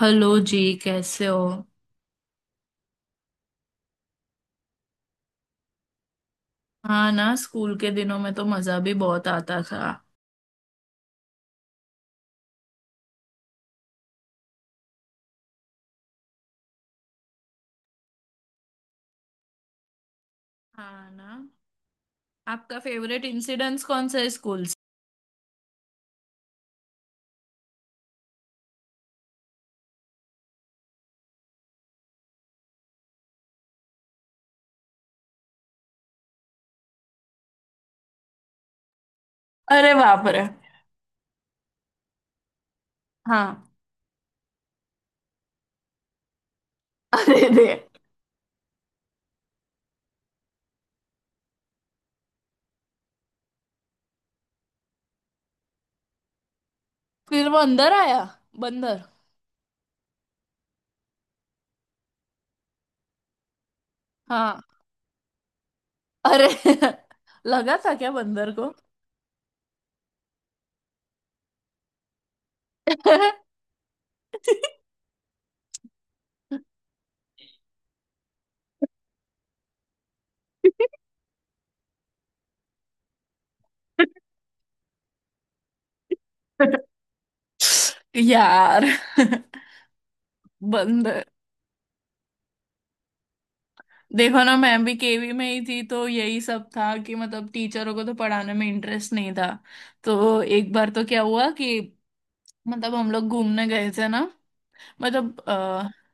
Hello जी। कैसे हो। हाँ ना, स्कूल के दिनों में तो मजा भी बहुत आता था। हाँ ना। आपका फेवरेट इंसिडेंस कौन सा है स्कूल से? अरे बाप रे। हाँ। अरे रे। फिर वो अंदर आया? बंदर? हाँ। अरे लगा था क्या बंदर को? यार। बंद। देखो ना, मैं भी केवी में ही थी तो यही सब था कि मतलब टीचरों को तो पढ़ाने में इंटरेस्ट नहीं था। तो एक बार तो क्या हुआ कि मतलब हम लोग घूमने गए थे ना, मतलब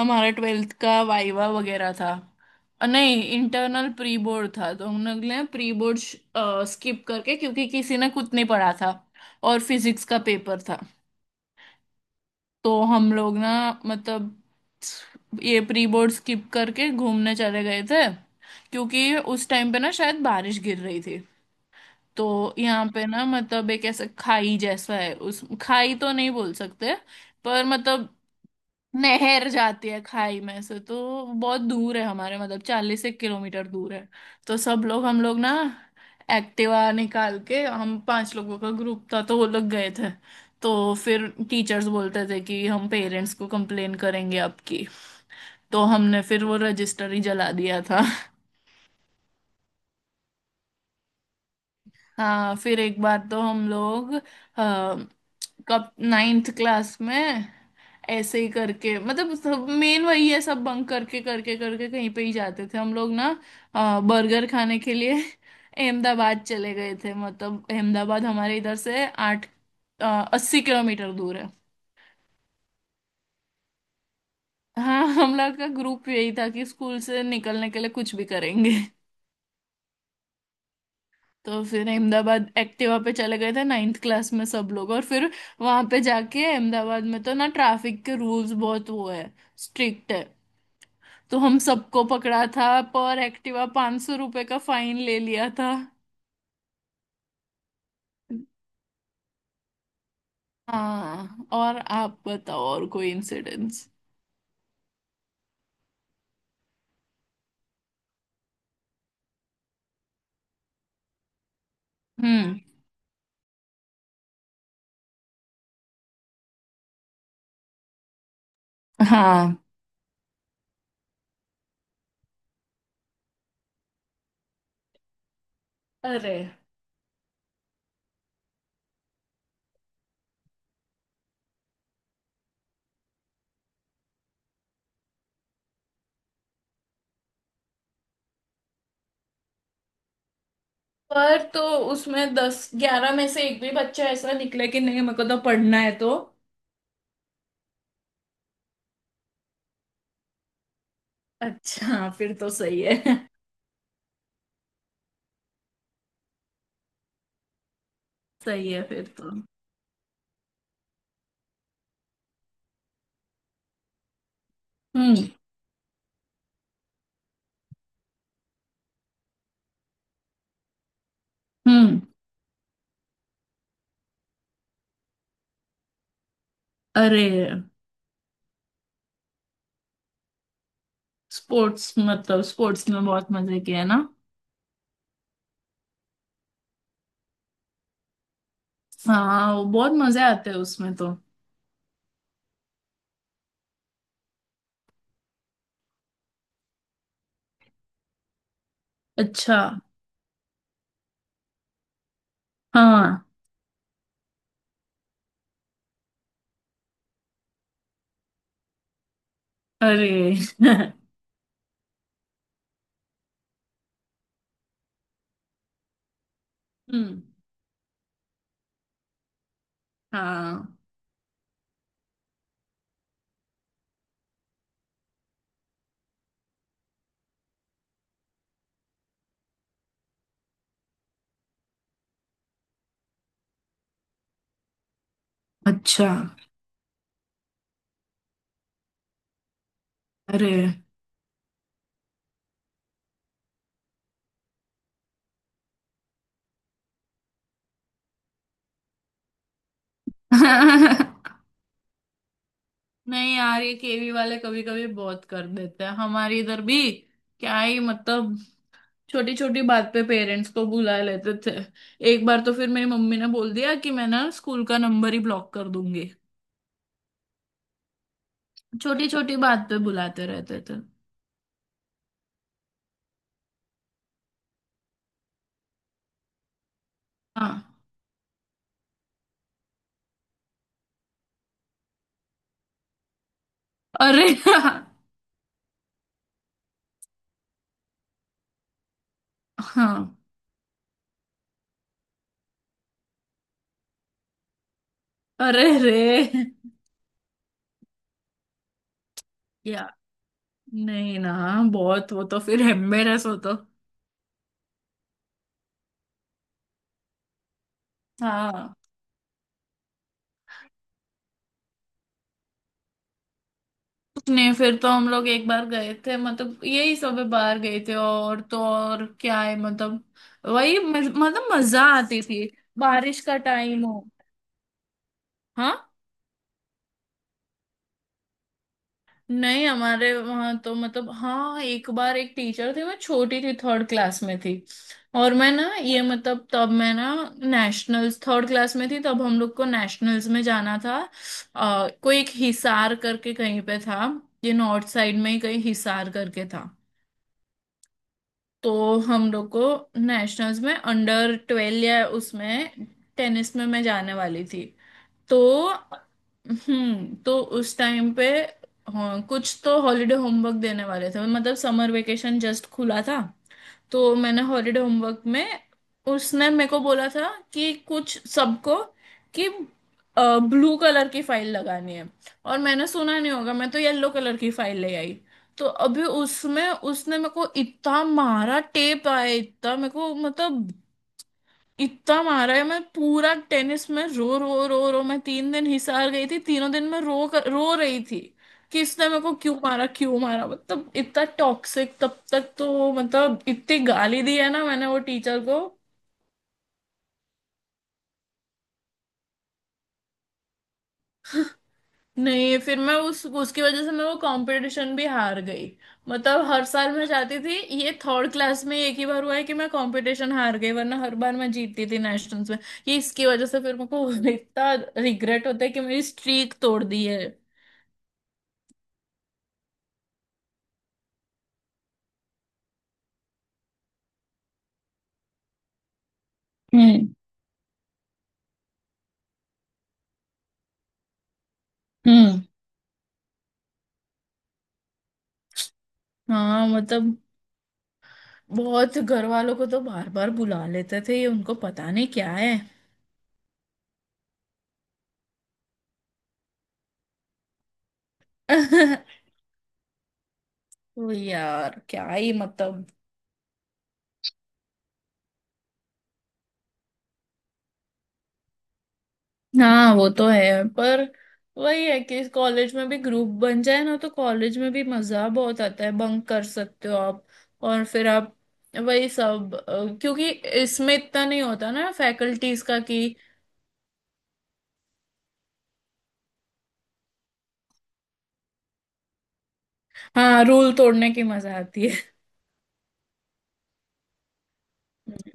हमारा ट्वेल्थ का वाइवा वगैरह था। नहीं, इंटरनल प्री बोर्ड था तो हम लोग ने प्री बोर्ड स्किप करके, क्योंकि किसी ने कुछ नहीं पढ़ा था। और फिजिक्स का पेपर था। तो हम लोग ना, मतलब ये प्री बोर्ड स्किप करके घूमने चले गए थे, क्योंकि उस टाइम पे ना शायद बारिश गिर रही थी। तो यहाँ पे ना, मतलब एक ऐसा खाई जैसा है, उस खाई तो नहीं बोल सकते, पर मतलब नहर जाती है खाई में से, तो बहुत दूर है हमारे, मतलब 40 एक किलोमीटर दूर है। तो सब लोग, हम लोग ना एक्टिवा निकाल के, हम 5 लोगों का ग्रुप था तो वो लोग गए थे। तो फिर टीचर्स बोलते थे कि हम पेरेंट्स को कंप्लेन करेंगे आपकी, तो हमने फिर वो रजिस्टर ही जला दिया था। हाँ, फिर एक बार तो हम लोग कब नाइन्थ क्लास में ऐसे ही करके, मतलब सब मेन वही है, सब बंक करके करके करके कहीं पे ही जाते थे हम लोग ना, बर्गर खाने के लिए अहमदाबाद चले गए थे, मतलब अहमदाबाद हमारे इधर से आठ 80 किलोमीटर दूर है। हाँ, हम लोग का ग्रुप यही था कि स्कूल से निकलने के लिए कुछ भी करेंगे। तो फिर अहमदाबाद एक्टिवा पे चले गए थे नाइन्थ क्लास में सब लोग। और फिर वहां पे जाके अहमदाबाद में तो ना ट्रैफिक के रूल्स बहुत वो है, स्ट्रिक्ट है। तो हम सबको पकड़ा था, पर एक्टिवा 500 रुपए का फाइन ले लिया था। हाँ, और आप बताओ और कोई इंसिडेंट्स? हम्म। हाँ। अरे। पर तो उसमें 10-11 में से एक भी बच्चा ऐसा निकले कि नहीं, मेरे को तो पढ़ना है, तो। अच्छा, फिर तो सही है। सही है फिर तो। हम्म। हम्म। अरे। स्पोर्ट्स, मतलब स्पोर्ट्स में बहुत मजे किए हैं ना? हाँ, वो बहुत मजे आते हैं उसमें तो। अच्छा। हाँ। अरे। हम्म। हाँ। अच्छा। अरे। नहीं यार, ये केवी वाले कभी कभी बहुत कर देते हैं हमारे इधर भी। क्या ही मतलब। छोटी छोटी बात पे पेरेंट्स को बुला लेते थे। एक बार तो फिर मेरी मम्मी ने बोल दिया कि मैं ना स्कूल का नंबर ही ब्लॉक कर दूंगी। छोटी छोटी बात पे बुलाते रहते थे। हाँ। अरे। हाँ। अरे रे। या नहीं ना, बहुत वो तो फिर एम्बेरस हो तो। हाँ। नहीं, फिर तो हम लोग एक बार गए थे, मतलब यही सब बाहर गए थे और तो और क्या है, मतलब वही मतलब मजा आती थी। बारिश का टाइम हो। हाँ? नहीं, हमारे वहाँ तो मतलब, हाँ एक बार एक टीचर थे। मैं छोटी थी, थर्ड क्लास में थी। और मैं ना ये मतलब तब मैं ना नेशनल्स, थर्ड क्लास में थी तब हम लोग को नेशनल्स में जाना था। कोई एक हिसार करके कहीं पे था। ये नॉर्थ साइड में ही कहीं हिसार करके था। तो हम लोग को नेशनल्स में अंडर 12 या उसमें टेनिस में मैं जाने वाली थी। तो, हम्म, तो उस टाइम पे, हाँ, कुछ तो हॉलीडे होमवर्क देने वाले थे, मतलब समर वेकेशन जस्ट खुला था। तो मैंने हॉलीडे होमवर्क में, उसने मेरे को बोला था कि कुछ सबको, कि ब्लू कलर की फाइल लगानी है, और मैंने सुना नहीं होगा, मैं तो येलो कलर की फाइल ले आई। तो अभी उसमें उसने मेरे को इतना मारा, टेप आया इतना मेरे को, मतलब इतना मारा है, मैं पूरा टेनिस में रो रो रो रो। मैं 3 दिन हिसार गई थी, तीनों दिन मैं रो रही थी। कि इसने मेरे को क्यों मारा, क्यों मारा, मतलब इतना टॉक्सिक तब तक तो, मतलब इतनी गाली दी है ना मैंने वो टीचर को। नहीं, फिर मैं उस उसकी वजह से मैं वो कंपटीशन भी हार गई, मतलब हर साल मैं जाती थी। ये थर्ड क्लास में एक ही बार हुआ है कि मैं कंपटीशन हार गई, वरना हर बार मैं जीतती थी नेशनल्स में। ये इसकी वजह से फिर मेरे को इतना रिग्रेट होता है कि मेरी स्ट्रीक तोड़ दी है। हम्म। हम्म। हाँ मतलब, बहुत घर वालों को तो बार बार बुला लेते थे, ये उनको पता नहीं क्या है। वो यार क्या ही मतलब। हाँ, वो तो है। पर वही है कि कॉलेज में भी ग्रुप बन जाए ना तो कॉलेज में भी मजा बहुत आता है, बंक कर सकते हो आप। और फिर आप वही सब, क्योंकि इसमें इतना नहीं होता ना फैकल्टीज का, कि। हाँ, रूल तोड़ने की मजा आती है।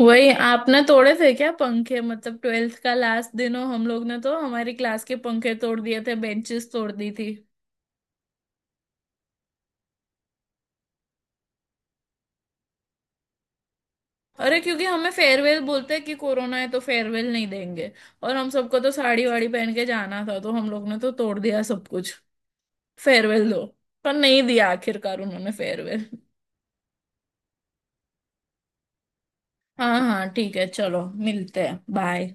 वही आपने तोड़े थे क्या पंखे? मतलब ट्वेल्थ का लास्ट दिन हो, हम लोग ने तो हमारी क्लास के पंखे तोड़ दिए थे, बेंचेस तोड़ दी थी। अरे, क्योंकि हमें फेयरवेल बोलते हैं कि कोरोना है तो फेयरवेल नहीं देंगे, और हम सबको तो साड़ी वाड़ी पहन के जाना था, तो हम लोग ने तो तोड़ दिया सब कुछ। फेयरवेल दो। पर नहीं दिया आखिरकार उन्होंने फेयरवेल। हाँ हाँ ठीक है, चलो मिलते हैं, बाय।